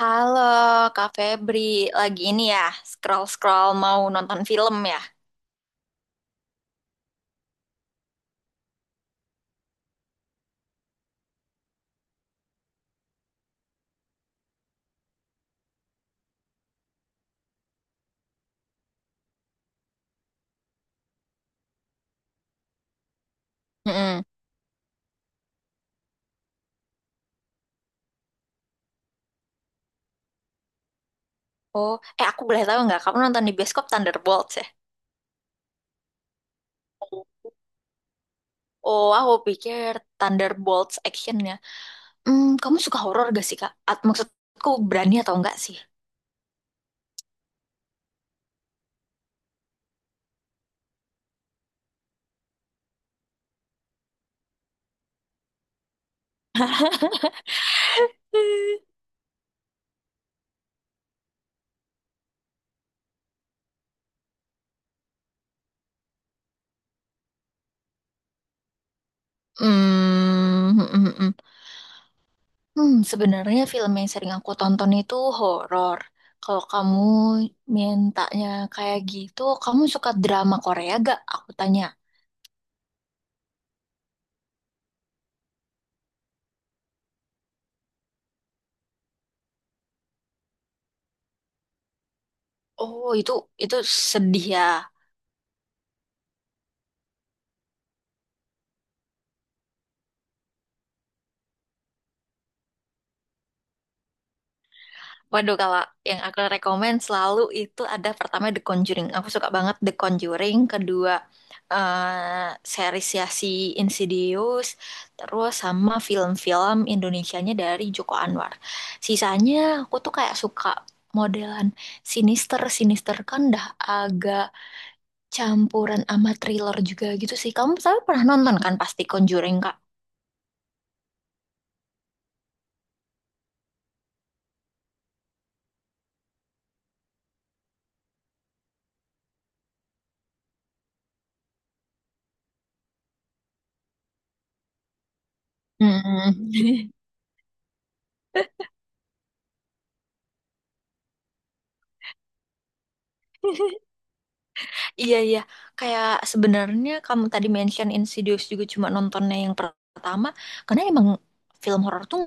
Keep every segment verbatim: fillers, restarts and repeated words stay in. Halo, Kak Febri. Lagi ini ya, scroll-scroll mau nonton film ya? Mm-mm. Oh, eh aku boleh tahu nggak, kamu nonton di bioskop Thunderbolts ya? Oh, aku pikir Thunderbolts actionnya. Hmm, kamu suka horor gak sih, Kak? At maksudku berani atau enggak sih? Hmm, mm, mm, mm. Hmm, sebenarnya film yang sering aku tonton itu horor. Kalau kamu mintanya kayak gitu, kamu suka drama Korea gak? Aku tanya. Oh, itu itu sedih ya. Waduh, kalau yang aku rekomen selalu itu ada pertama The Conjuring. Aku suka banget The Conjuring. Kedua, eh series ya si Insidious. Terus sama film-film Indonesianya dari Joko Anwar. Sisanya aku tuh kayak suka modelan sinister. Sinister kan dah agak campuran sama thriller juga gitu sih. Kamu tapi pernah nonton kan pasti Conjuring, Kak? Hmm. Iya, iya, kayak sebenarnya kamu tadi mention Insidious juga cuma nontonnya yang pertama, karena emang film horor tuh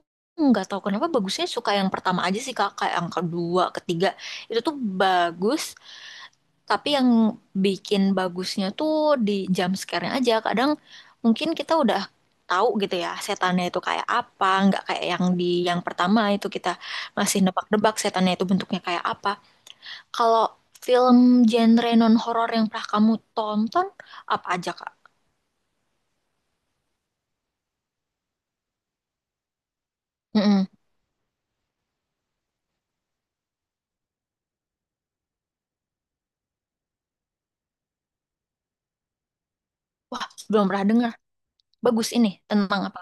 nggak tahu kenapa bagusnya suka yang pertama aja sih kak, kayak yang kedua, ketiga itu tuh bagus, tapi yang bikin bagusnya tuh di jump scare-nya aja. Kadang mungkin kita udah tahu gitu ya setannya itu kayak apa, nggak kayak yang di yang pertama itu kita masih nebak-nebak setannya itu bentuknya kayak apa. Kalau film genre non-horor yang pernah kamu tonton, apa aja, Kak? Mm-mm. Wah, belum pernah dengar. Bagus ini. Tentang apa?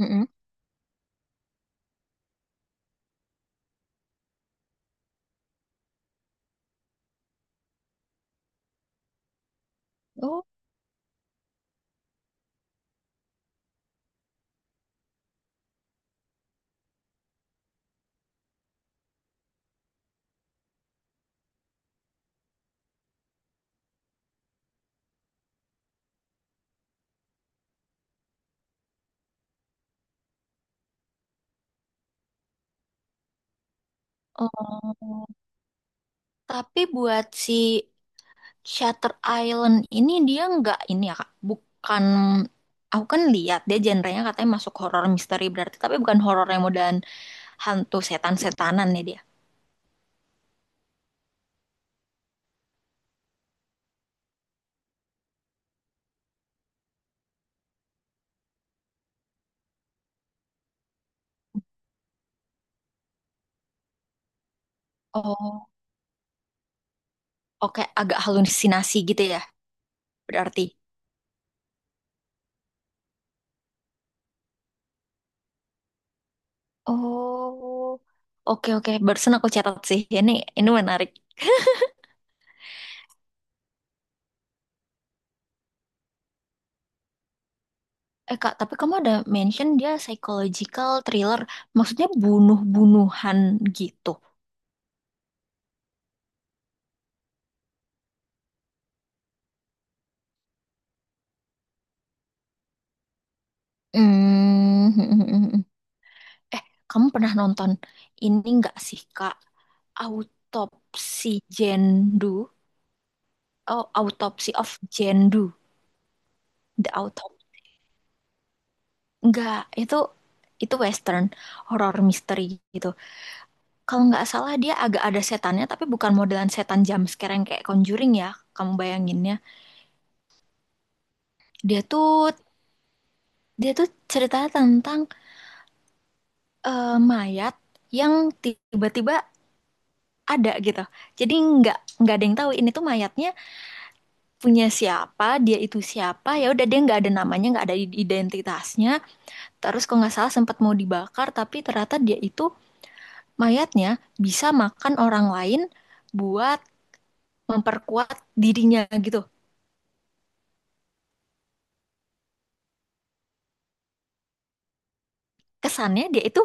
Mm-mm. Oh, oh. Tapi buat si Shutter Island ini dia nggak ini ya, Kak? Bukan, aku kan lihat dia genrenya katanya masuk horor misteri berarti, tapi bukan horor yang modelan hantu setan-setanan ya dia. Oh, oke, agak halusinasi gitu ya, berarti. Oh, oke, oke. Barusan aku catat sih. Ini ini menarik. Eh Kak, tapi kamu ada mention dia psychological thriller. Maksudnya bunuh-bunuhan gitu. Hmm. Eh, kamu pernah nonton ini nggak sih Kak? Autopsi Jendu. Oh, Autopsy of Jendu. The Autopsy. Enggak, itu itu western horror misteri gitu. Kalau nggak salah dia agak ada setannya tapi bukan modelan setan jump scare yang kayak Conjuring ya. Kamu bayanginnya. Dia tuh dia tuh ceritanya tentang eh, mayat yang tiba-tiba ada gitu. Jadi nggak nggak ada yang tahu ini tuh mayatnya punya siapa, dia itu siapa. Ya udah dia nggak ada namanya, nggak ada i- identitasnya. Terus kalau nggak salah sempat mau dibakar tapi ternyata dia itu mayatnya bisa makan orang lain buat memperkuat dirinya gitu. Kesannya dia itu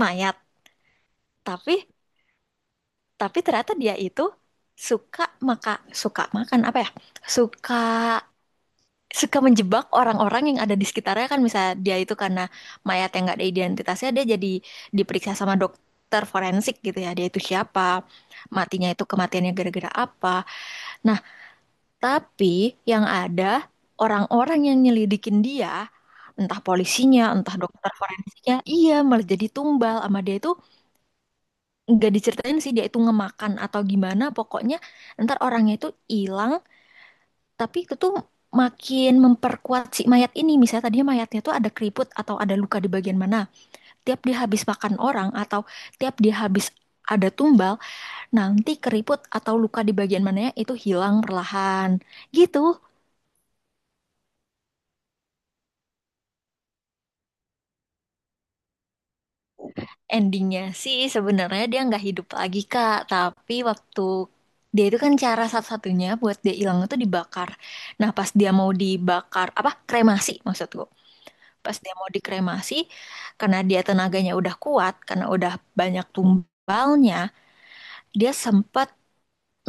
mayat, tapi tapi ternyata dia itu suka maka suka makan apa ya, suka suka menjebak orang-orang yang ada di sekitarnya kan, misalnya dia itu karena mayat yang nggak ada identitasnya dia jadi diperiksa sama dokter forensik gitu ya, dia itu siapa, matinya itu kematiannya gara-gara apa. Nah, tapi yang ada orang-orang yang nyelidikin dia entah polisinya entah dokter forensiknya iya malah jadi tumbal sama dia itu. Nggak diceritain sih dia itu ngemakan atau gimana, pokoknya ntar orangnya itu hilang, tapi itu tuh makin memperkuat si mayat ini. Misalnya tadinya mayatnya tuh ada keriput atau ada luka di bagian mana, tiap dia habis makan orang atau tiap dia habis ada tumbal, nanti keriput atau luka di bagian mananya itu hilang perlahan gitu. Endingnya sih sebenarnya dia nggak hidup lagi Kak, tapi waktu dia itu kan cara satu-satunya buat dia hilang itu dibakar. Nah pas dia mau dibakar apa kremasi maksudku, pas dia mau dikremasi karena dia tenaganya udah kuat karena udah banyak tumbalnya, dia sempat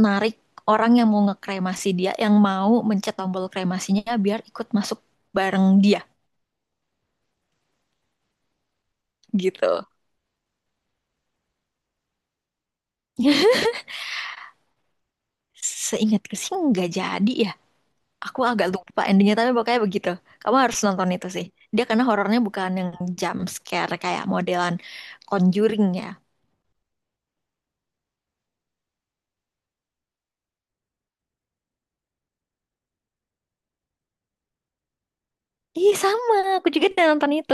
narik orang yang mau ngekremasi dia yang mau mencet tombol kremasinya biar ikut masuk bareng dia gitu. Seingatku sih nggak jadi ya. Aku agak lupa endingnya tapi pokoknya begitu. Kamu harus nonton itu sih. Dia karena horornya bukan yang jump scare kayak modelan Conjuring ya. Ih sama, aku juga udah nonton itu.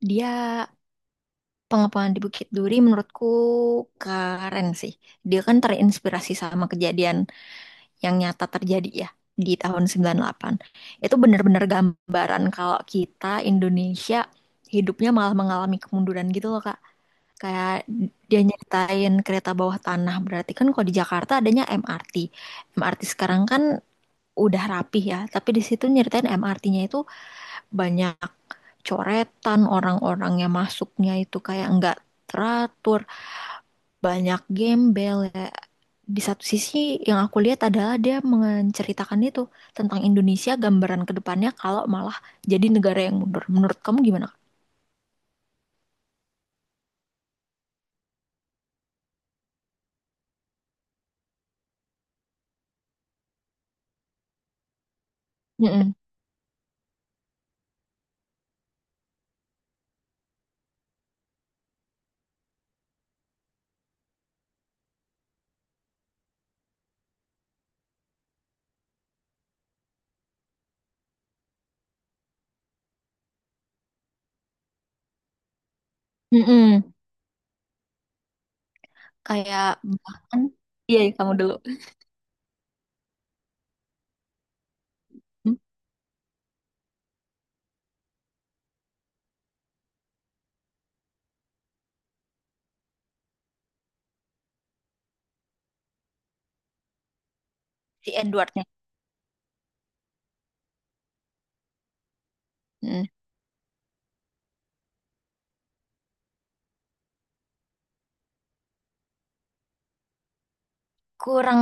Dia pengepungan di Bukit Duri menurutku keren sih. Dia kan terinspirasi sama kejadian yang nyata terjadi ya di tahun sembilan delapan. Itu bener-bener gambaran kalau kita Indonesia hidupnya malah mengalami kemunduran gitu loh Kak. Kayak dia nyeritain kereta bawah tanah. Berarti kan kalau di Jakarta adanya M R T. M R T sekarang kan udah rapih ya. Tapi di situ nyeritain M R T-nya itu banyak coretan, orang-orang yang masuknya itu kayak nggak teratur. Banyak gembel ya. Di satu sisi yang aku lihat adalah dia menceritakan itu tentang Indonesia gambaran ke depannya kalau malah jadi negara yang mundur. Menurut kamu gimana? Mm-mm. Mm-mm. Kayak bahkan iya kamu dulu. Si Edwardnya. Mm. Kurang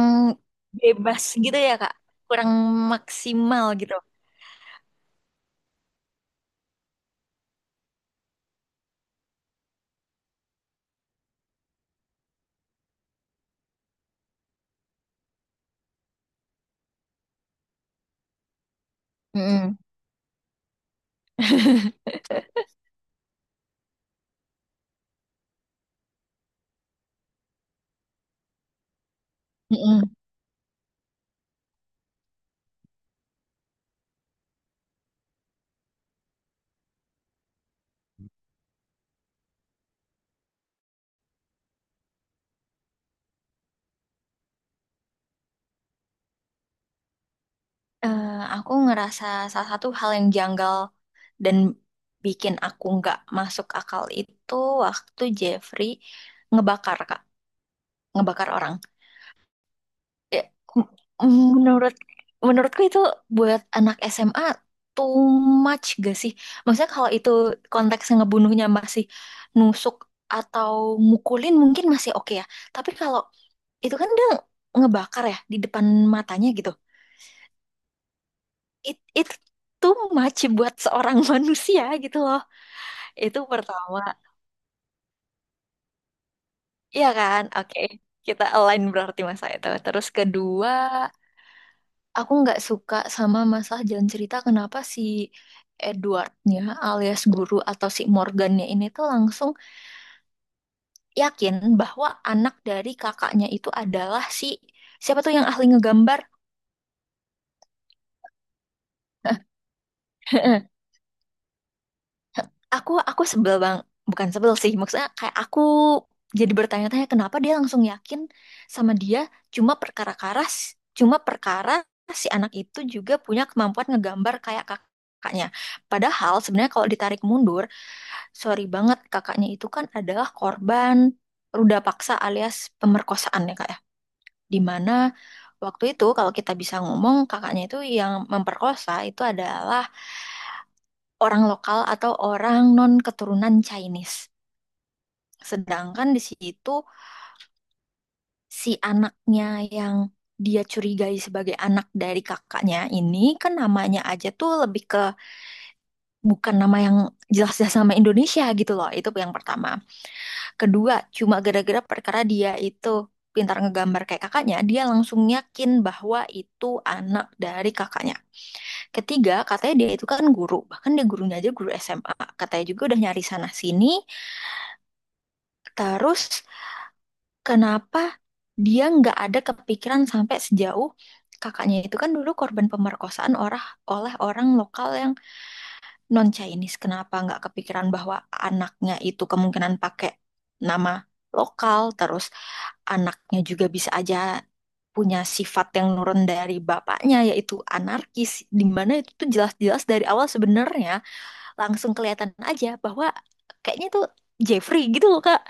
bebas gitu ya Kak, kurang maksimal gitu. Mm-mm. Mm-mm. Eh, aku ngerasa salah satu hal yang janggal dan bikin aku nggak masuk akal itu waktu Jeffrey ngebakar Kak, ngebakar orang. Ya, m- menurut menurutku itu buat anak S M A too much gak sih? Maksudnya kalau itu konteks ngebunuhnya masih nusuk atau mukulin mungkin masih oke ya. Tapi kalau itu kan dia ngebakar ya di depan matanya gitu. It, it too much buat seorang manusia gitu loh. Itu pertama. Iya kan? Oke. Kita align berarti masa itu. Terus kedua, Aku nggak suka sama masalah jalan cerita kenapa si Edwardnya alias guru atau si Morgannya ini tuh langsung yakin bahwa anak dari kakaknya itu adalah si siapa tuh yang ahli ngegambar? Heeh. Aku aku sebel bang, bukan sebel sih maksudnya kayak aku jadi bertanya-tanya kenapa dia langsung yakin sama dia cuma perkara karas, cuma perkara si anak itu juga punya kemampuan ngegambar kayak kakaknya. Padahal sebenarnya kalau ditarik mundur, sorry banget, kakaknya itu kan adalah korban ruda paksa alias pemerkosaan ya kak ya. Di mana waktu itu kalau kita bisa ngomong kakaknya itu yang memperkosa itu adalah orang lokal atau orang non keturunan Chinese. Sedangkan di situ si anaknya yang dia curigai sebagai anak dari kakaknya ini kan namanya aja tuh lebih ke bukan nama yang jelas-jelas nama Indonesia gitu loh. Itu yang pertama. Kedua, cuma gara-gara perkara dia itu pintar ngegambar kayak kakaknya, dia langsung yakin bahwa itu anak dari kakaknya. Ketiga, katanya dia itu kan guru, bahkan dia gurunya aja guru S M A. Katanya juga udah nyari sana-sini. Terus, kenapa dia nggak ada kepikiran sampai sejauh kakaknya itu kan dulu korban pemerkosaan orang oleh orang lokal yang non Chinese, kenapa nggak kepikiran bahwa anaknya itu kemungkinan pakai nama lokal, terus anaknya juga bisa aja punya sifat yang nurun dari bapaknya yaitu anarkis, di mana itu tuh jelas-jelas dari awal sebenarnya langsung kelihatan aja bahwa kayaknya tuh Jeffrey gitu loh Kak.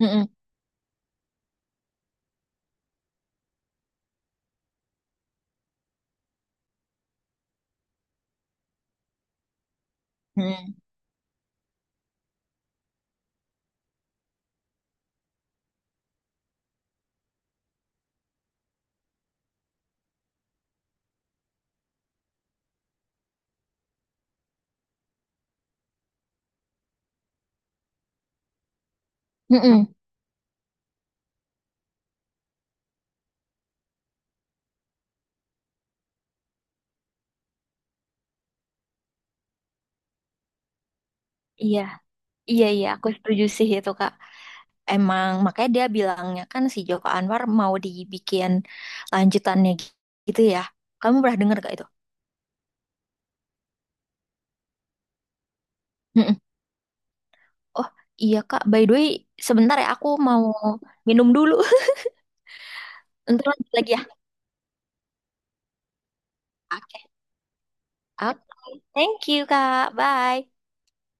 Mm-mm. Mm-mm. Mm-mm. Iya, iya, iya aku setuju sih itu Kak. Emang makanya dia bilangnya kan si Joko Anwar mau dibikin lanjutannya gi- gitu ya. Kamu pernah dengar gak itu? Mm-mm. Oh iya Kak, by the way sebentar ya aku mau minum dulu. Ntar lanjut lagi ya. Oke. Oke. Thank you Kak. Bye.